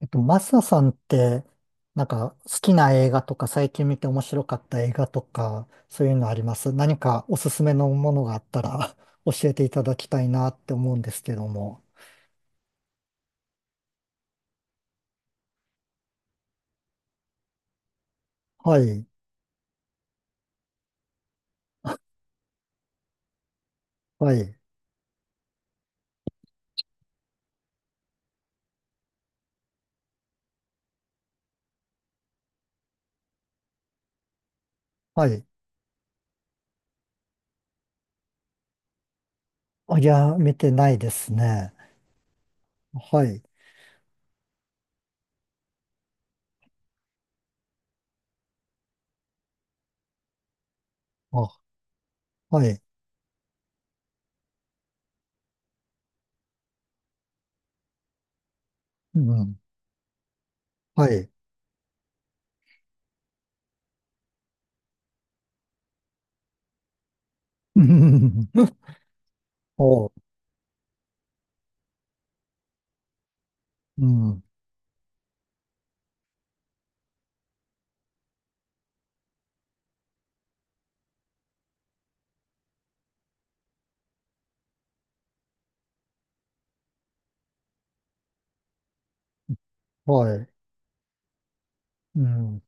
マサさんって、なんか好きな映画とか最近見て面白かった映画とか、そういうのあります？何かおすすめのものがあったら 教えていただきたいなって思うんですけども。はい、はい、はい。あ、いや、見てないですね。はい、あ、はい、うん、はい。お、うん、はい、うん、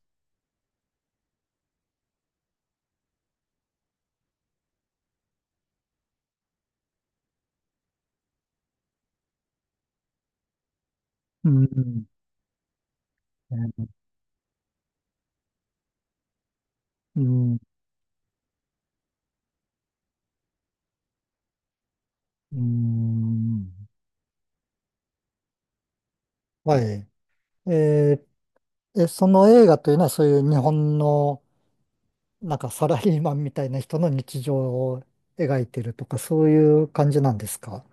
うん、うん、うん、うんはい。えーえ、その映画というのはそういう日本のなんかサラリーマンみたいな人の日常を描いてるとかそういう感じなんですか？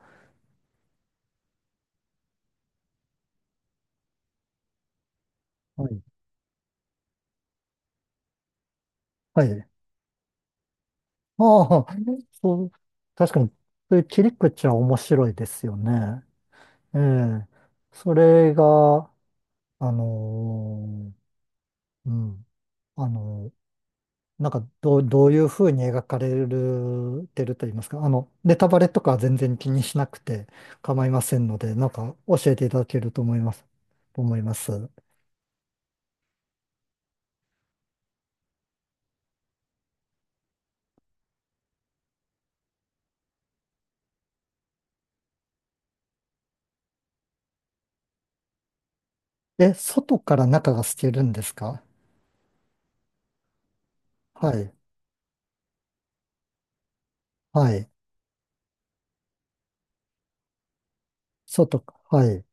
はい。はい。ああ、そう、確かにそういう切り口は面白いですよね。ええ。それが、あのうん。あのーなんかどういうふうに描かれてると言いますか、あの、ネタバレとかは全然気にしなくて構いませんので、なんか教えていただけると思います。と思います。え、外から中が透けるんですか？はい。はい。外か、はい。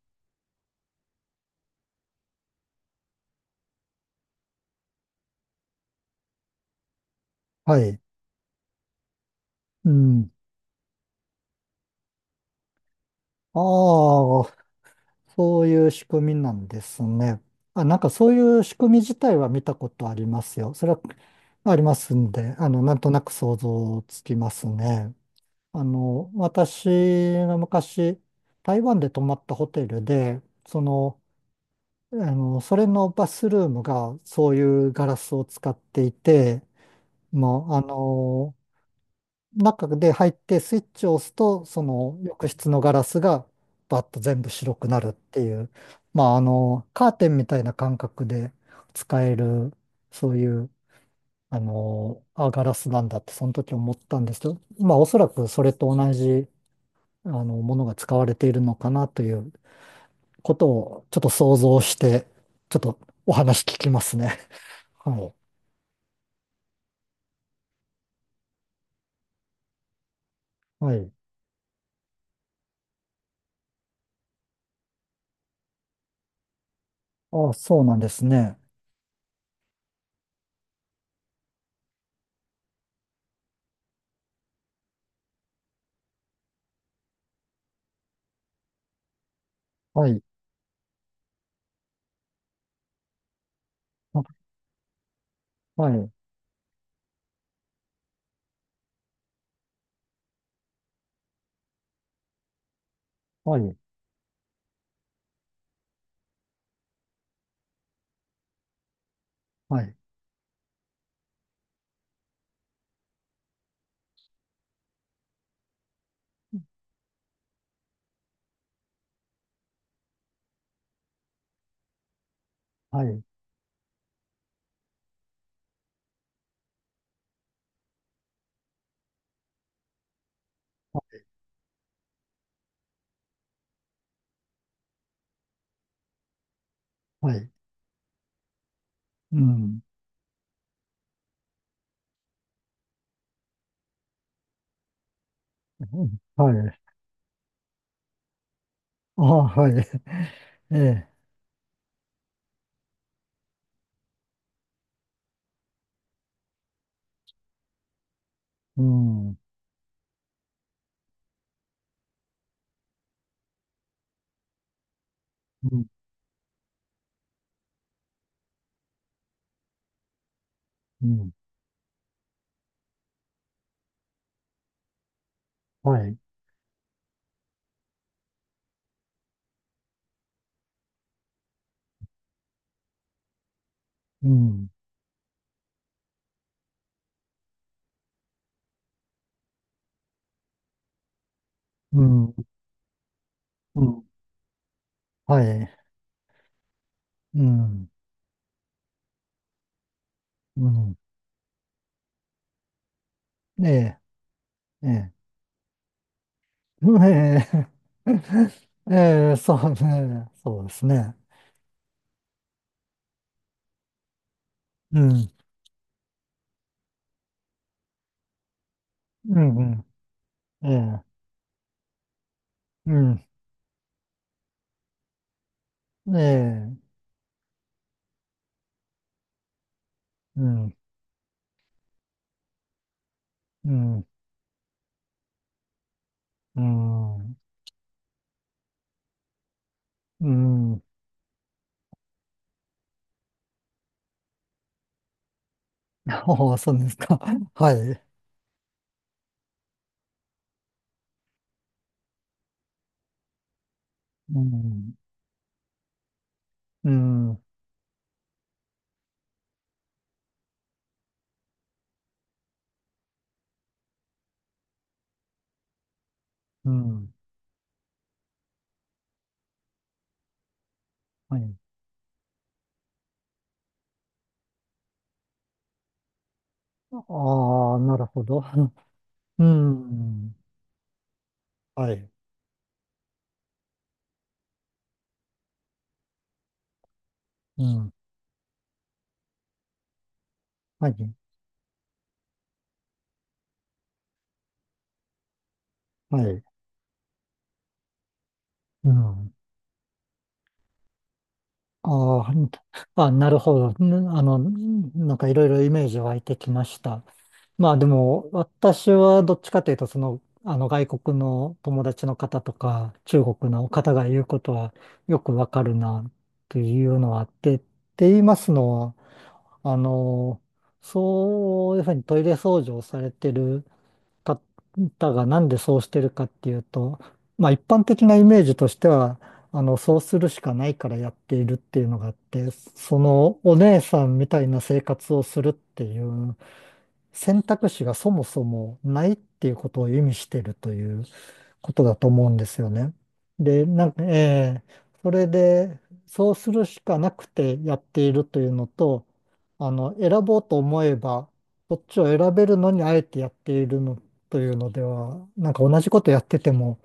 はい。うん。ああ、そういう仕組みなんですね。あ、なんかそういう仕組み自体は見たことありますよ。それはありますんで、あの、なんとなく想像つきますね。あの、私が昔、台湾で泊まったホテルで、その、あの、それのバスルームがそういうガラスを使っていて、もう、あの、中で入ってスイッチを押すと、その浴室のガラスがバッと全部白くなるっていう、まあ、あの、カーテンみたいな感覚で使える、そういう、あの、あ、ガラスなんだって、その時思ったんですけど、まあ、おそらくそれと同じあの、ものが使われているのかなということをちょっと想像して、ちょっとお話聞きますね。はい。はい。あ、そうなんですね。はい。あはい。はい。はい。はい。はい。うん。うんはい。あ、はい。ええ。うん。うん。うん。はい。うん。うん。うん。はい。うん。うん。ええ。ええ。うんええ。ええ、そうね。そうですね。うん。うんうん。ええ。うん。ええ。うん。うん。うん。うん。ああ、そうですか。はい。うん。うん。うん。はい。ああ、なるほど。うん。はい。うん。はい。はい。うん。ああ、あ、なるほど。んあの、なんかいろいろイメージ湧いてきました。まあでも、私はどっちかというと、その、あの外国の友達の方とか、中国の方が言うことはよくわかるな、というのはあって、って言いますのは、あの、そういうふうにトイレ掃除をされてる方がなんでそうしてるかっていうと、まあ一般的なイメージとしては、あの、そうするしかないからやっているっていうのがあって、そのお姉さんみたいな生活をするっていう選択肢がそもそもないっていうことを意味してるということだと思うんですよね。で、なんか、それで、そうするしかなくてやっているというのと、あの、選ぼうと思えば、こっちを選べるのにあえてやっているのというのでは、なんか同じことやってても、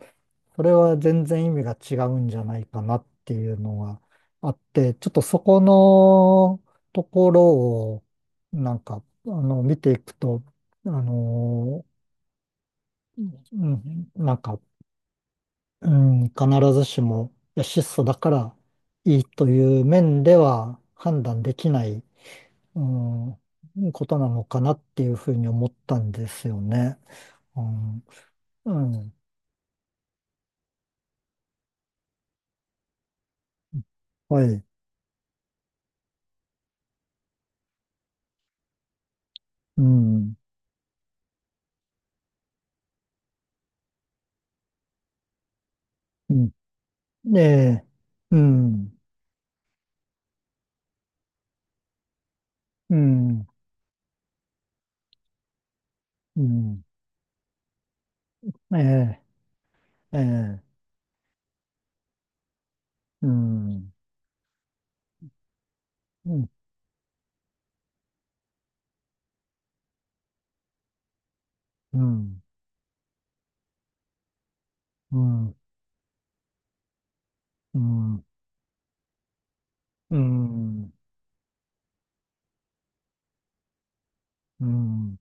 それは全然意味が違うんじゃないかなっていうのがあって、ちょっとそこのところをなんか、あの、見ていくと、あの、うん、なんか、うん、必ずしも、いや、質素だからいいという面では判断できない、うん、ことなのかなっていうふうに思ったんですよね。うん、うん、はい、うん、うん、ねえ、うん。うん、うん、ええ、ええ、うん、うん、うん、うん、うん、うん、うん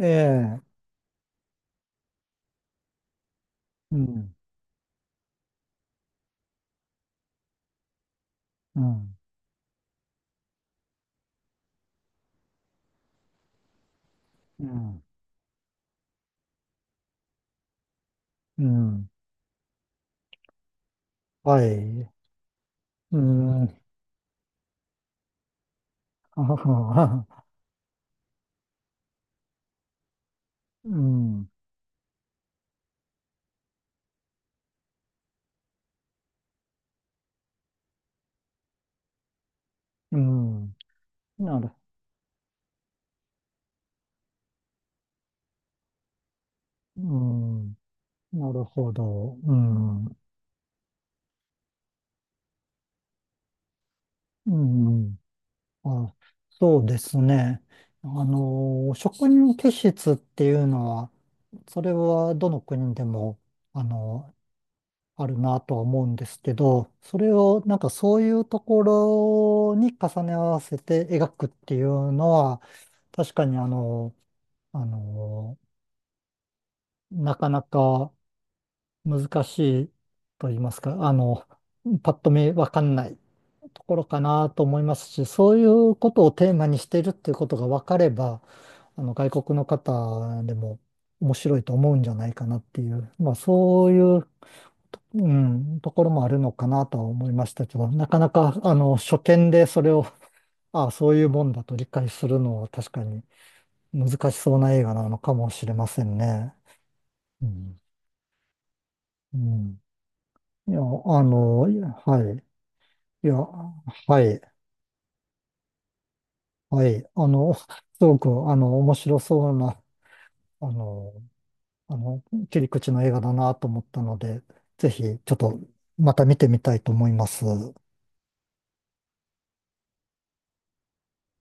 ええ、うん、うん、うん、うん、はい、うん、あはは、うん、うん、なる、うん、なるほど、うん、うん、あ、そうですね。あの、職人気質っていうのは、それはどの国でも、あの、あるなとは思うんですけど、それをなんかそういうところに重ね合わせて描くっていうのは、確かにあの、なかなか難しいと言いますか、あの、パッと見わかんないところかなと思いますし、そういうことをテーマにしているっていうことが分かれば、あの外国の方でも面白いと思うんじゃないかなっていう、まあそういう、うん、ところもあるのかなとは思いましたけど、なかなかあの初見でそれを、ああ、そういうもんだと理解するのは確かに難しそうな映画なのかもしれませんね。うん。うん。いや、あの、いやはい。いや、はい。はい。あの、すごく、あの、面白そうなあの、あの、切り口の映画だなと思ったので、ぜひちょっとまた見てみたいと思います。